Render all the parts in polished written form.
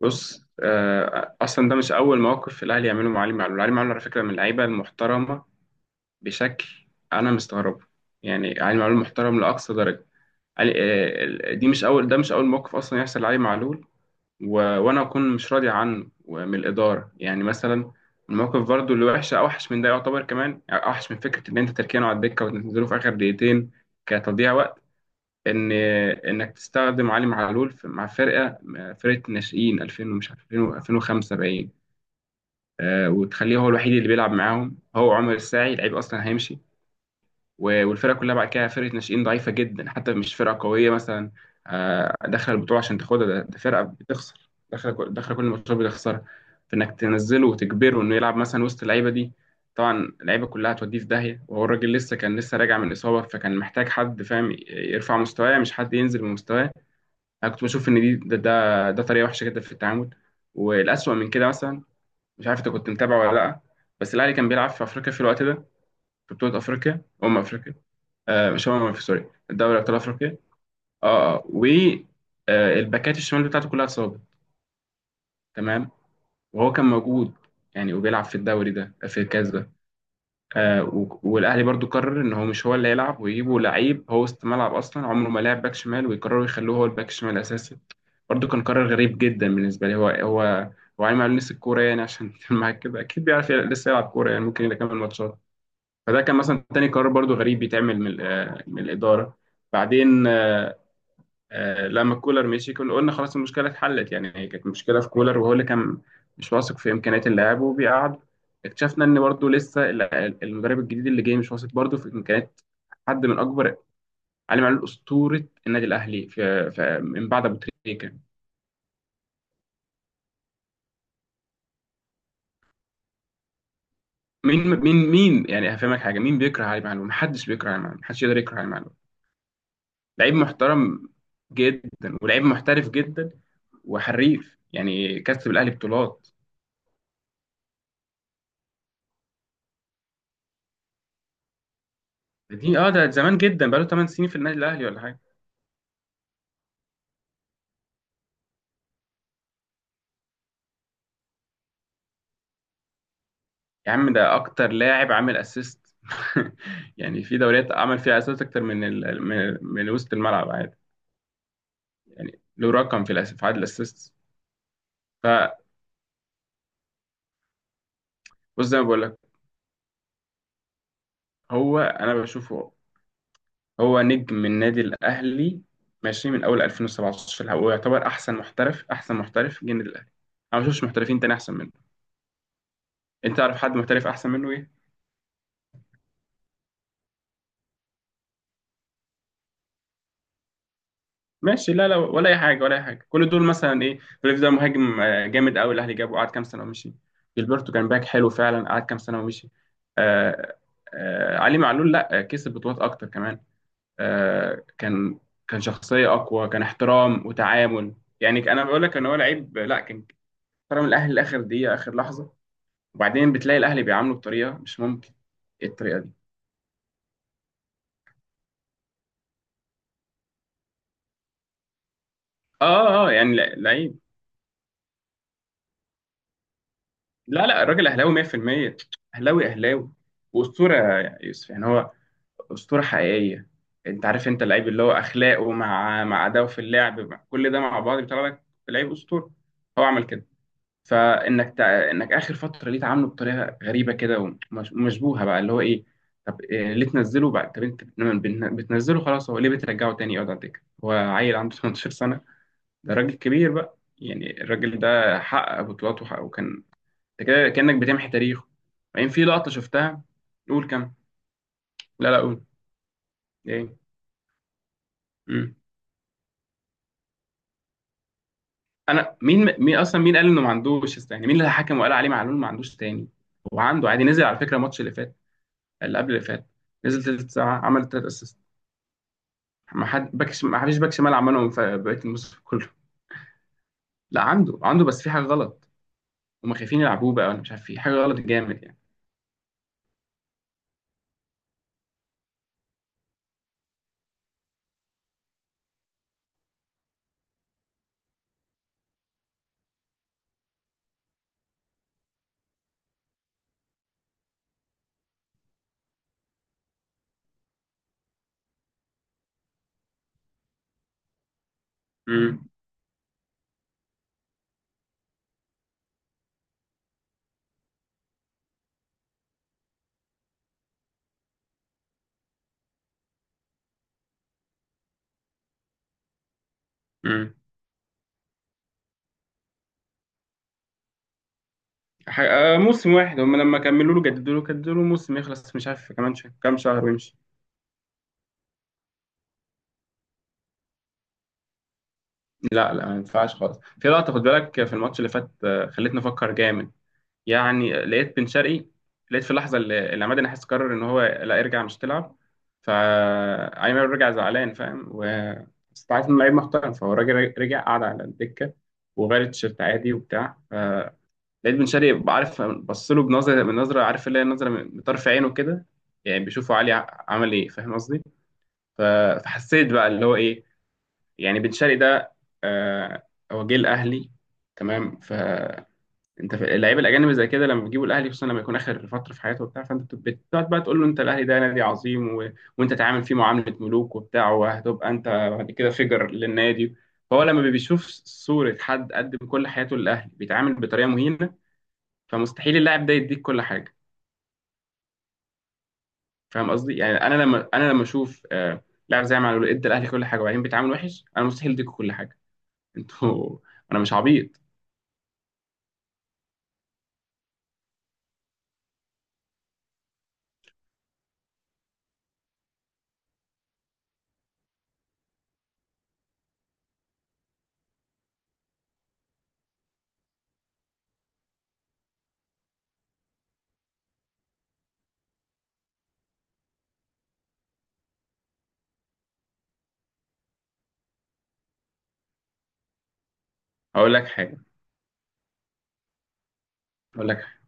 بص، اصلا ده مش اول موقف في الاهلي يعمله مع علي معلول. علي معلول على فكره من اللعيبه المحترمه بشكل. انا مستغربه، يعني علي معلول محترم لاقصى درجه. علي آه، دي مش اول ده مش اول موقف اصلا يحصل لعلي معلول و... وانا اكون مش راضي عنه ومن الاداره يعني. مثلا الموقف برضو اللي وحش اوحش من ده يعتبر، كمان يعني اوحش من فكره ان انت تركينه على الدكه وتنزله في اخر دقيقتين كتضييع وقت. ان انك تستخدم علي معلول مع فرقه ناشئين 2000، ومش عارف 2005 باين، وتخليه هو الوحيد اللي بيلعب معاهم. هو عمر الساعي لعيب اصلا هيمشي، والفرقه كلها بعد كده فرقه ناشئين ضعيفه جدا، حتى مش فرقه قويه مثلا داخله البطوله عشان تاخدها. ده فرقه بتخسر، داخله كل ماتشات بتخسرها. فانك تنزله وتجبره انه يلعب مثلا وسط اللعيبه دي، طبعا اللعيبه كلها هتوديه في داهيه. وهو الراجل لسه كان لسه راجع من اصابه، فكان محتاج حد فاهم يرفع مستواه مش حد ينزل بمستواه. انا كنت بشوف ان ده طريقه وحشه جدا في التعامل. والاسوأ من كده مثلا، مش عارف انت كنت متابع ولا لا، بس الاهلي كان بيلعب في افريقيا في الوقت ده، في بطوله افريقيا، افريقيا. مش افريقيا، سوري، الدوري ابطال افريقيا. اه اه و آه، الباكات الشمال بتاعته كلها اتصابت، تمام؟ وهو كان موجود يعني، وبيلعب في الدوري ده في الكاس ده. والاهلي برضو قرر ان هو مش هو اللي هيلعب، ويجيبوا لعيب هو وسط ملعب اصلا عمره ما لعب باك شمال، ويقرروا يخلوه هو الباك الشمال الاساسي. برضه كان قرار غريب جدا بالنسبه لي. هو عايم على نفس الكوره يعني، عشان معاك كده اكيد بيعرف لسه يلعب كوره يعني، ممكن يكمل ماتشات. فده كان مثلا تاني قرار برضه غريب بيتعمل من من الاداره. بعدين، لما كولر مشي كنا قلنا خلاص المشكله اتحلت، يعني هي كانت مشكله في كولر وهو اللي كان مش واثق في امكانيات اللاعب وبيقعد. اكتشفنا ان برضه لسه المدرب الجديد اللي جاي مش واثق برضه في امكانيات حد من اكبر. علي معلول اسطوره النادي الاهلي من بعد ابو تريكه. مين يعني، هفهمك حاجه، مين بيكره علي معلول؟ محدش بيكره علي معلول، محدش يقدر يكره علي معلول. لعيب محترم جدا، ولعيب محترف جدا وحريف، يعني كسب الاهلي بطولات. دي اه ده زمان جدا، بقاله 8 سنين في النادي الاهلي ولا حاجه. يا عم ده اكتر لاعب عامل اسيست يعني في دوريات عمل فيها اسيست اكتر من وسط الملعب عادي، يعني له رقم في عدد الاسيست. فبص، زي ما بقول لك، هو انا بشوفه هو نجم النادي الأهلي، ماشي؟ من أول 2017 هو يعتبر أحسن محترف جه النادي الأهلي. أنا ما شفتش محترفين تاني أحسن منه. أنت تعرف حد محترف أحسن منه إيه؟ ماشي، لا ولا أي حاجة، ولا أي حاجة. كل دول مثلا إيه، ريف ده مهاجم جامد أوي، الأهلي جابه قعد كام سنة ومشي. جilberto كان باك حلو فعلا، قعد كام سنة ومشي. آه علي معلول لا، كسب بطولات أكتر كمان. آه كان كان شخصية أقوى، كان احترام وتعامل يعني. أنا بقول لك إن هو لعيب، لا كان خرج من الاهلي لاخر دقيقه اخر لحظه، وبعدين بتلاقي الاهلي بيعامله بطريقه مش ممكن. ايه الطريقه دي؟ لعيب، لا لا، الراجل اهلاوي 100%، اهلاوي اهلاوي. واسطوره يا يوسف، يعني هو اسطوره حقيقيه. انت عارف، انت اللعيب اللي هو اخلاقه مع اداؤه في اللعب، مع كل ده مع بعض بيطلع لك لعيب اسطوره. هو عمل كده، فانك انك اخر فتره ليه تعامله بطريقه غريبه كده ومشبوهه بقى، اللي هو ايه. طب إيه؟ ليه تنزله بقى؟ طب انت بتنزله خلاص، هو ليه بترجعه تاني يقعد على الدكه؟ هو عيل عنده 18 سنه؟ ده راجل كبير بقى، يعني الراجل ده حقق بطولات وحقق وكان، انت كده كانك بتمحي تاريخه. بعدين في لقطه شفتها. قول كم. لا لا قول، ايه. مم. انا، مين اصلا، مين قال انه ما عندوش يعني مين اللي حكم وقال عليه معلول ما عندوش تاني؟ هو عنده عادي، نزل على فكره الماتش اللي فات، اللي قبل اللي فات، نزل تلت ساعه عمل تلت اسيست. ما حد ما فيش باك شمال عملهم في بقيه الموسم كله. لا عنده، عنده، بس في حاجه غلط، هم خايفين يلعبوه بقى. انا مش عارف في حاجه غلط جامد يعني. امم، امم، موسم واحد هم لما كملوا له، جددوا له، جددوا له موسم يخلص مش عارف كمان كام شهر ويمشي. لا لا ما ينفعش خالص. في لقطه خد بالك في الماتش اللي فات خلتني افكر جامد، يعني لقيت بن شرقي، لقيت في اللحظه اللي عماد النحاس قرر ان هو لا يرجع مش تلعب، فايمن رجع زعلان فاهم. بس أنت عارف انه لعيب محترم، فهو الراجل رجع قعد على الدكه وغير التيشيرت عادي وبتاع، فلقيت بن شرقي عارف بص له بنظره، من نظره، عارف اللي هي نظره من طرف عينه كده، يعني بيشوفوا علي عمل ايه، فاهم قصدي؟ ف- فحسيت بقى اللي هو ايه، يعني بن شرقي ده، آه، هو جه الاهلي تمام. انت في اللعيبه الاجانب زي كده لما بيجيبوا الاهلي، خصوصا لما يكون اخر فتره في حياته وبتاع، فانت بتقعد بقى تقول له انت الاهلي ده نادي عظيم وانت تعامل فيه معامله ملوك وبتاع، وهتبقى انت بعد كده فيجر للنادي. فهو لما بيشوف صوره حد قدم كل حياته للاهلي بيتعامل بطريقه مهينه، فمستحيل اللاعب ده يديك كل حاجه. فاهم قصدي؟ يعني انا لما، اشوف لاعب زي معلول ادى الاهلي كل حاجه، وبعدين بيتعامل وحش، انا مستحيل اديكوا كل حاجه. انتوا انا مش عبيط. هقول لك حاجه. هقول لك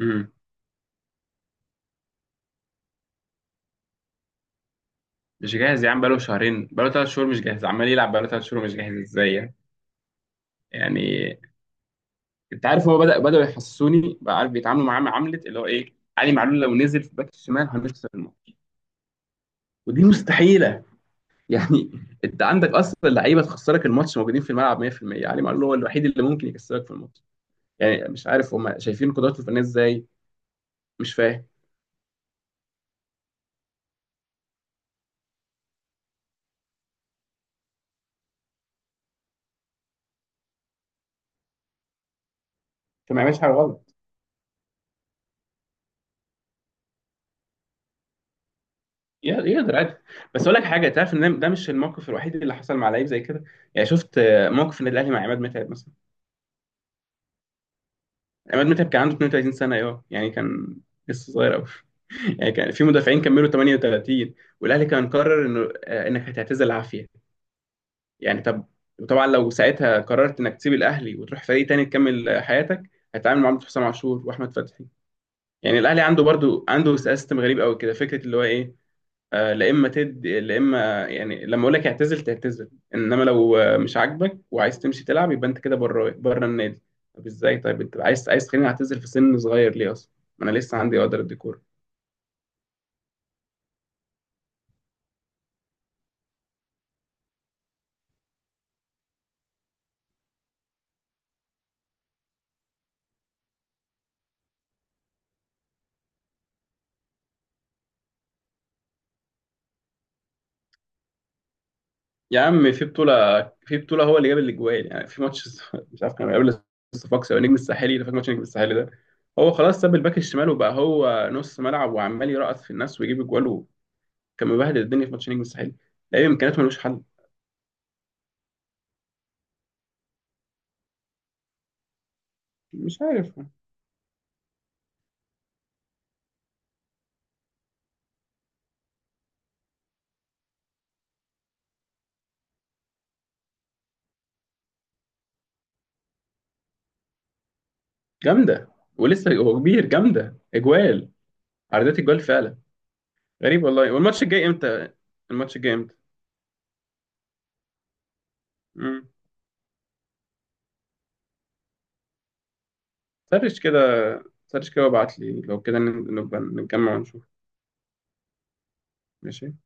حاجه. مش جاهز يا عم؟ بقاله شهرين، بقاله ثلاث شهور مش جاهز، عمال يلعب بقاله ثلاث شهور مش جاهز ازاي يعني؟ يعني انت عارف هو بدأوا يحسسوني بقى، عارف بيتعاملوا معاه معاملة اللي هو ايه، علي معلول لو نزل في باك الشمال هنخسر الماتش، ودي مستحيلة يعني انت عندك اصلا لعيبة تخسرك الماتش موجودين في الملعب 100%، علي معلول هو الوحيد اللي ممكن يكسبك في الماتش، يعني مش عارف هم شايفين قدراته الفنية ازاي. مش فاهم، فما يعملش حاجة غلط. يقدر عادي. بس اقول لك حاجة، تعرف ان ده مش الموقف الوحيد اللي حصل مع لعيب زي كده؟ يعني شفت موقف النادي الاهلي مع عماد متعب مثلا؟ عماد متعب كان عنده 32 سنة، ايوه يعني كان لسه صغير قوي يعني كان في مدافعين كملوا 38. والاهلي كان قرر انه انك هتعتزل عافية، يعني طب. وطبعا لو ساعتها قررت انك تسيب الاهلي وتروح فريق تاني تكمل حياتك، هتتعامل مع حسام عاشور واحمد فتحي. يعني الاهلي عنده برضو، عنده سيستم غريب قوي كده، فكرة اللي هو ايه، لا اما تدي، لا اما يعني لما اقول لك اعتزل تعتزل، انما لو مش عاجبك وعايز تمشي تلعب يبقى انت كده بره، بره النادي. طب ازاي؟ طيب انت عايز، عايز تخليني اعتزل في سن صغير ليه اصلا؟ ما انا لسه عندي، اقدر ادي كوره. يا عم في بطوله هو اللي جاب الاجوال، يعني في ماتش مش عارف كان قبل الصفاقسي او نجم الساحلي، فاكر ماتش نجم الساحلي ده؟ هو خلاص ساب الباك الشمال وبقى هو نص ملعب، وعمال يرقص في الناس ويجيب اجوال وكان مبهدل الدنيا في ماتش نجم الساحلي. لعيب امكانياته ملوش حل، مش عارف. جامده، ولسه هو كبير جامده اجوال، عرضات اجوال فعلا. غريب والله. والماتش الجاي امتى؟ الماتش الجاي امتى؟ امم، سرش كده، سرش كده وابعت لي لو كده نبقى نتجمع ونشوف. ماشي.